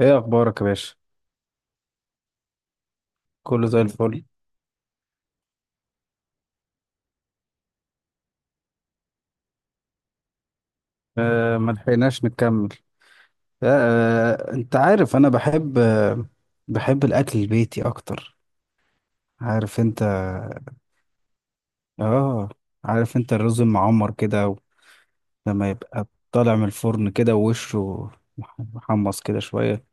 ايه اخبارك يا باشا؟ كله زي الفل. آه، ما لحقناش نكمل. آه. آه، انت عارف، انا بحب الاكل البيتي اكتر. عارف انت. اه. عارف انت الرز المعمر كده، لما يبقى طالع من الفرن كده ووشه محمص كده شوية.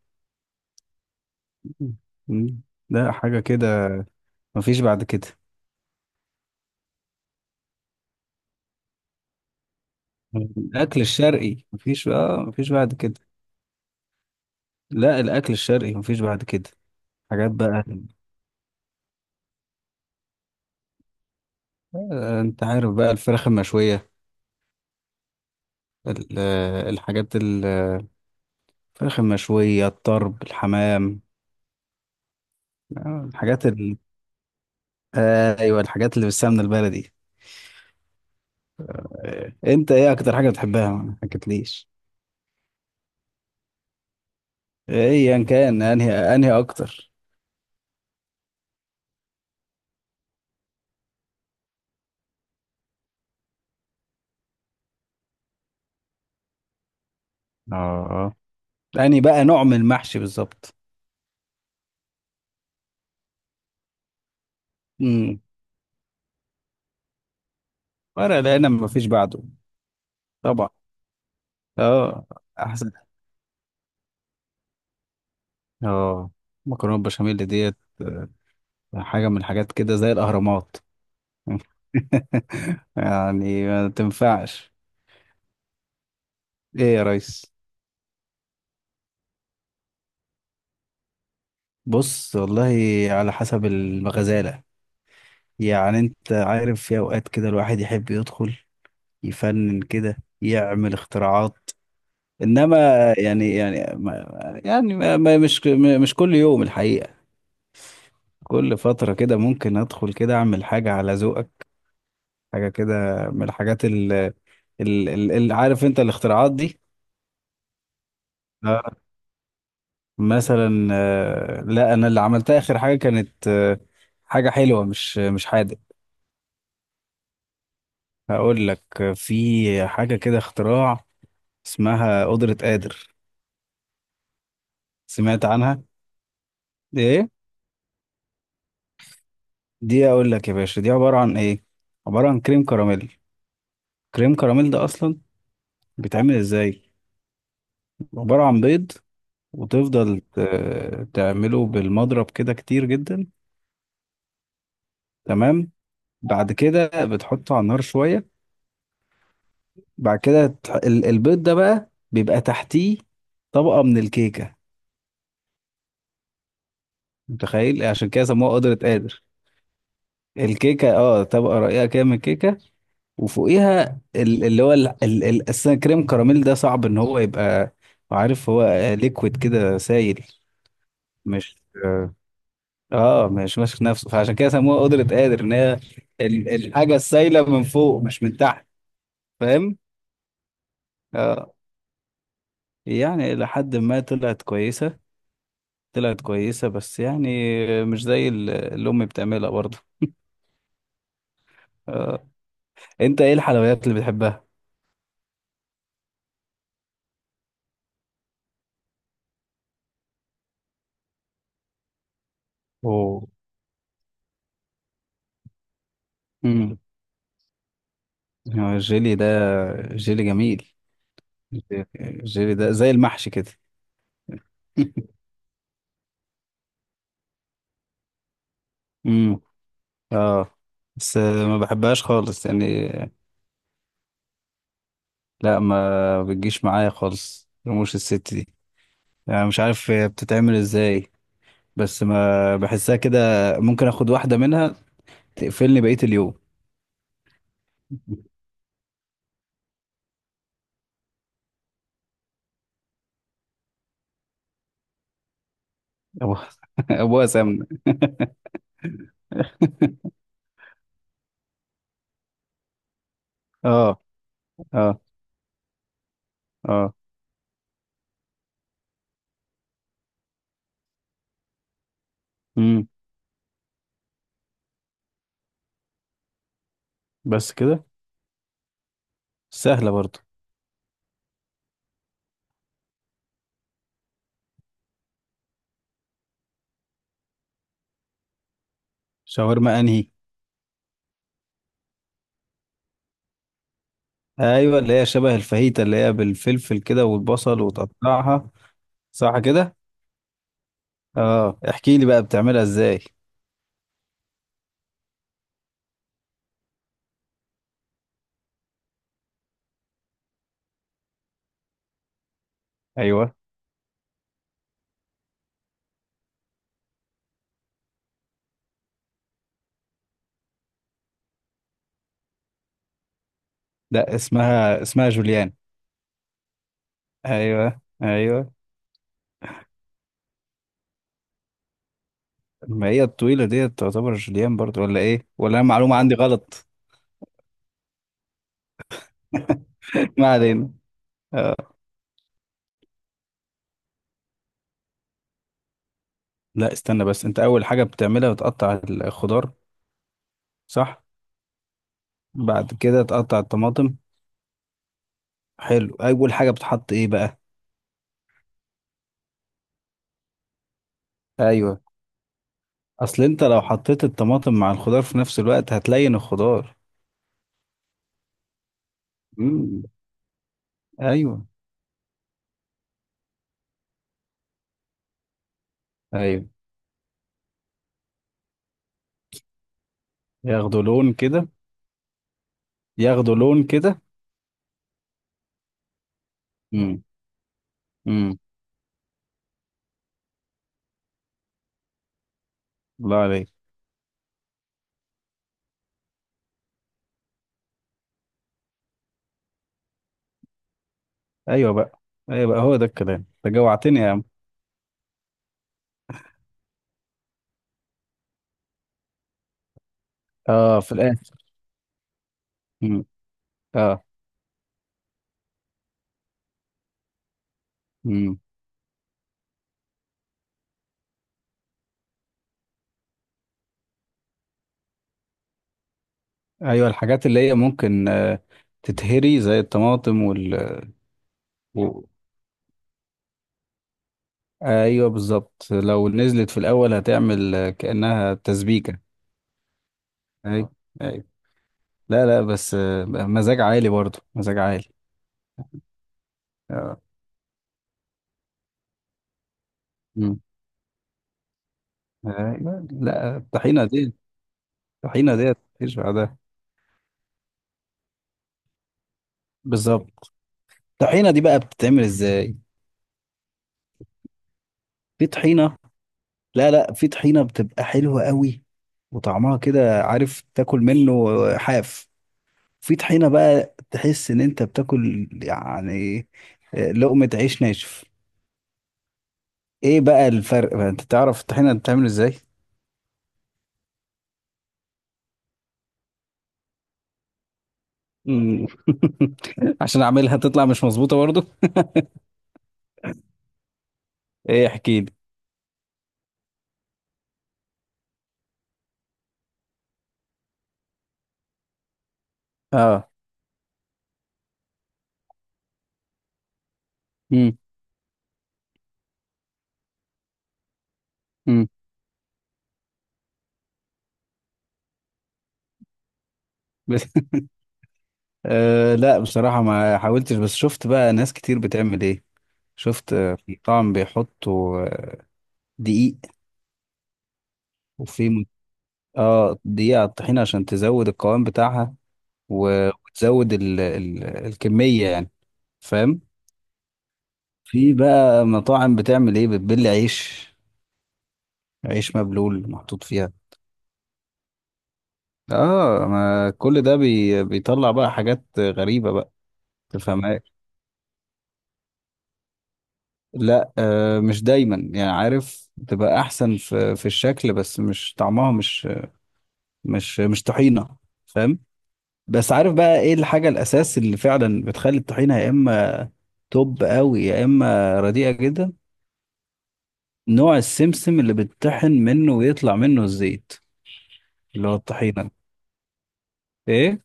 مم. ده حاجة كده. مفيش بعد كده. الأكل الشرقي مفيش بعد كده. لا، الأكل الشرقي مفيش بعد كده. حاجات بقى. آه، انت عارف بقى الفراخ المشوية. ال- الحاجات ال- الفراخ المشوية، الطرب، الحمام. الحاجات ال... ايوه، الحاجات اللي بالسمنة البلدي. آه، انت ايه اكتر حاجة بتحبها؟ ما حكيتليش. ايا كان انهي اكتر. اه، انهي بقى نوع من المحشي بالظبط. امم. ورق العنب مفيش بعده. طبعا. اه. احسن. اه. مكرونه بشاميل ديت، حاجه من الحاجات كده زي الاهرامات. يعني ما تنفعش. ايه يا ريس؟ بص والله، على حسب الغزالة. يعني انت عارف، في اوقات كده الواحد يحب يدخل يفنن كده، يعمل اختراعات. انما، يعني يعني ما يعني ما ما- مش ما- مش كل يوم الحقيقة. كل فترة كده ممكن ادخل كده اعمل حاجة على ذوقك، حاجة كده، من الحاجات اللي، عارف انت، الاختراعات دي. آه. مثلا، لا، انا اللي عملتها اخر حاجة كانت، حاجة حلوة، مش حادق. هقول لك. في حاجة كده اختراع، اسمها قدرة قادر. سمعت عنها. دي ايه؟ دي اقول لك يا باشا دي عبارة عن ايه. عبارة عن كريم كراميل. كريم كراميل ده اصلا بيتعمل ازاي؟ عبارة عن بيض، وتفضل تعمله بالمضرب كده كتير جدا. تمام. بعد كده بتحطه على النار شوية. بعد كده البيض ده بقى بيبقى تحتيه طبقة من الكيكة، متخيل؟ عشان كده سموها قدرة قادر. الكيكة، اه، طبقة رقيقة كده من الكيكة، وفوقيها ال- اللي هو ال- ال- ال- أساسا، كريم كراميل ده صعب ان هو يبقى، عارف، هو ليكويد كده، سايل، مش اه آه، مش ماسك نفسه، فعشان كده سموها قدرة قادر، ان هي الحاجة السايلة من فوق، مش من تحت. فاهم؟ اه. يعني الى حد ما طلعت كويسة. طلعت كويسة بس يعني، مش زي اللي امي بتعملها برضه. آه. انت ايه الحلويات اللي بتحبها؟ اوه. امم. الجيلي ده، جيلي جميل. الجيلي ده زي المحشي كده. امم. اه. بس ما بحبهاش خالص يعني. لا، ما بتجيش معايا خالص رموش الست دي. يعني مش عارف هي بتتعمل ازاي، بس ما بحسها كده. ممكن اخد واحدة منها تقفلني بقية اليوم. ابوها. ابوها سمنة. اه، اه، اه. امم. بس كده. سهلة برضو. شاورما انهي؟ ايوه، اللي هي شبه الفاهيتا، اللي هي بالفلفل كده والبصل، وتقطعها. صح كده. اه، احكي لي بقى بتعملها ازاي. ايوه. لا، اسمها جوليان. ايوه، ايوه. ما هي الطويله ديت تعتبر جوليان برضو، ولا ايه؟ ولا انا معلومه عندي غلط. ما علينا. آه. لا، استنى بس، انت اول حاجه بتعملها بتقطع الخضار، صح؟ بعد كده تقطع الطماطم. حلو، اول حاجه بتحط ايه بقى؟ ايوه، اصل انت لو حطيت الطماطم مع الخضار في نفس الوقت هتلين الخضار. امم. ايوه، ايوه. ياخدوا لون كده. ياخدوا لون كده. امم. الله عليك. ايوه بقى. ايوه بقى، هو ده الكلام، انت جوعتني يا عم. اه، في الاخر. مم. اه. مم. ايوه، الحاجات اللي هي ممكن، آه، تتهري، زي الطماطم وال، و. ايوه بالظبط، لو نزلت في الاول هتعمل، كانها تسبيكه. ايوه، ايوه. لا، لا، بس آه، مزاج عالي برضه، مزاج عالي. اه. مم. ايوه. لا، الطحينه دي، الطحينه دي مفيش بعدها. بالظبط. الطحينه دي بقى بتتعمل ازاي؟ في طحينه. لا، لا، في طحينة بتبقى حلوة قوي، وطعمها كده، عارف، تاكل منه حاف. في طحينة بقى تحس ان انت بتاكل، يعني، لقمة عيش ناشف. ايه بقى الفرق بقى؟ انت تعرف الطحينة بتتعمل ازاي؟ مم. عشان اعملها تطلع مش مظبوطة برضو. ايه، احكي لي. اه. مم. مم. بس. آه، لا، بصراحة ما حاولتش، بس شفت بقى ناس كتير بتعمل ايه. شفت، في مطعم بيحطوا، دقيق. وفي، اه، دقيقة على الطحينة عشان تزود القوام بتاعها، وتزود ال ال الكمية، يعني، فاهم؟ في بقى مطاعم بتعمل ايه، بتبل عيش، عيش مبلول محطوط فيها. اه، ما كل ده بيطلع بقى حاجات غريبة بقى، تفهمها. لا، آه، مش دايما يعني، عارف، تبقى احسن في الشكل، بس مش طعمها. مش، مش طحينة. فاهم؟ بس عارف بقى ايه الحاجة الاساس اللي فعلا بتخلي الطحينة يا اما توب قوي، يا اما رديئه جدا؟ نوع السمسم اللي بتطحن منه ويطلع منه الزيت، اللي هو الطحينه. ايه.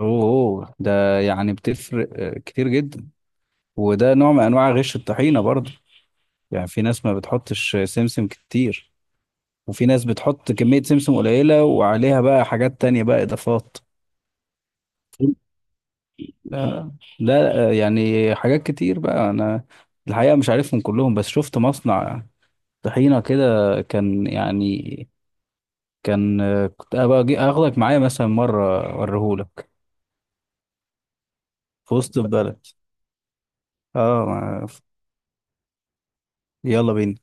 اوه، أوه، ده يعني بتفرق، كتير جدا. وده نوع من انواع غش الطحينه برضه. يعني في ناس ما بتحطش سمسم كتير، وفي ناس بتحط كميه سمسم قليله وعليها بقى حاجات تانية، بقى اضافات. لا، لا، يعني حاجات كتير بقى، انا الحقيقه مش عارفهم كلهم، بس شفت مصنع طحينه كده، كان يعني. كان، كنت ابقى اجي اخدك معايا مثلا مره، اوريهولك. في وسط البلد. اه. يلا بينا.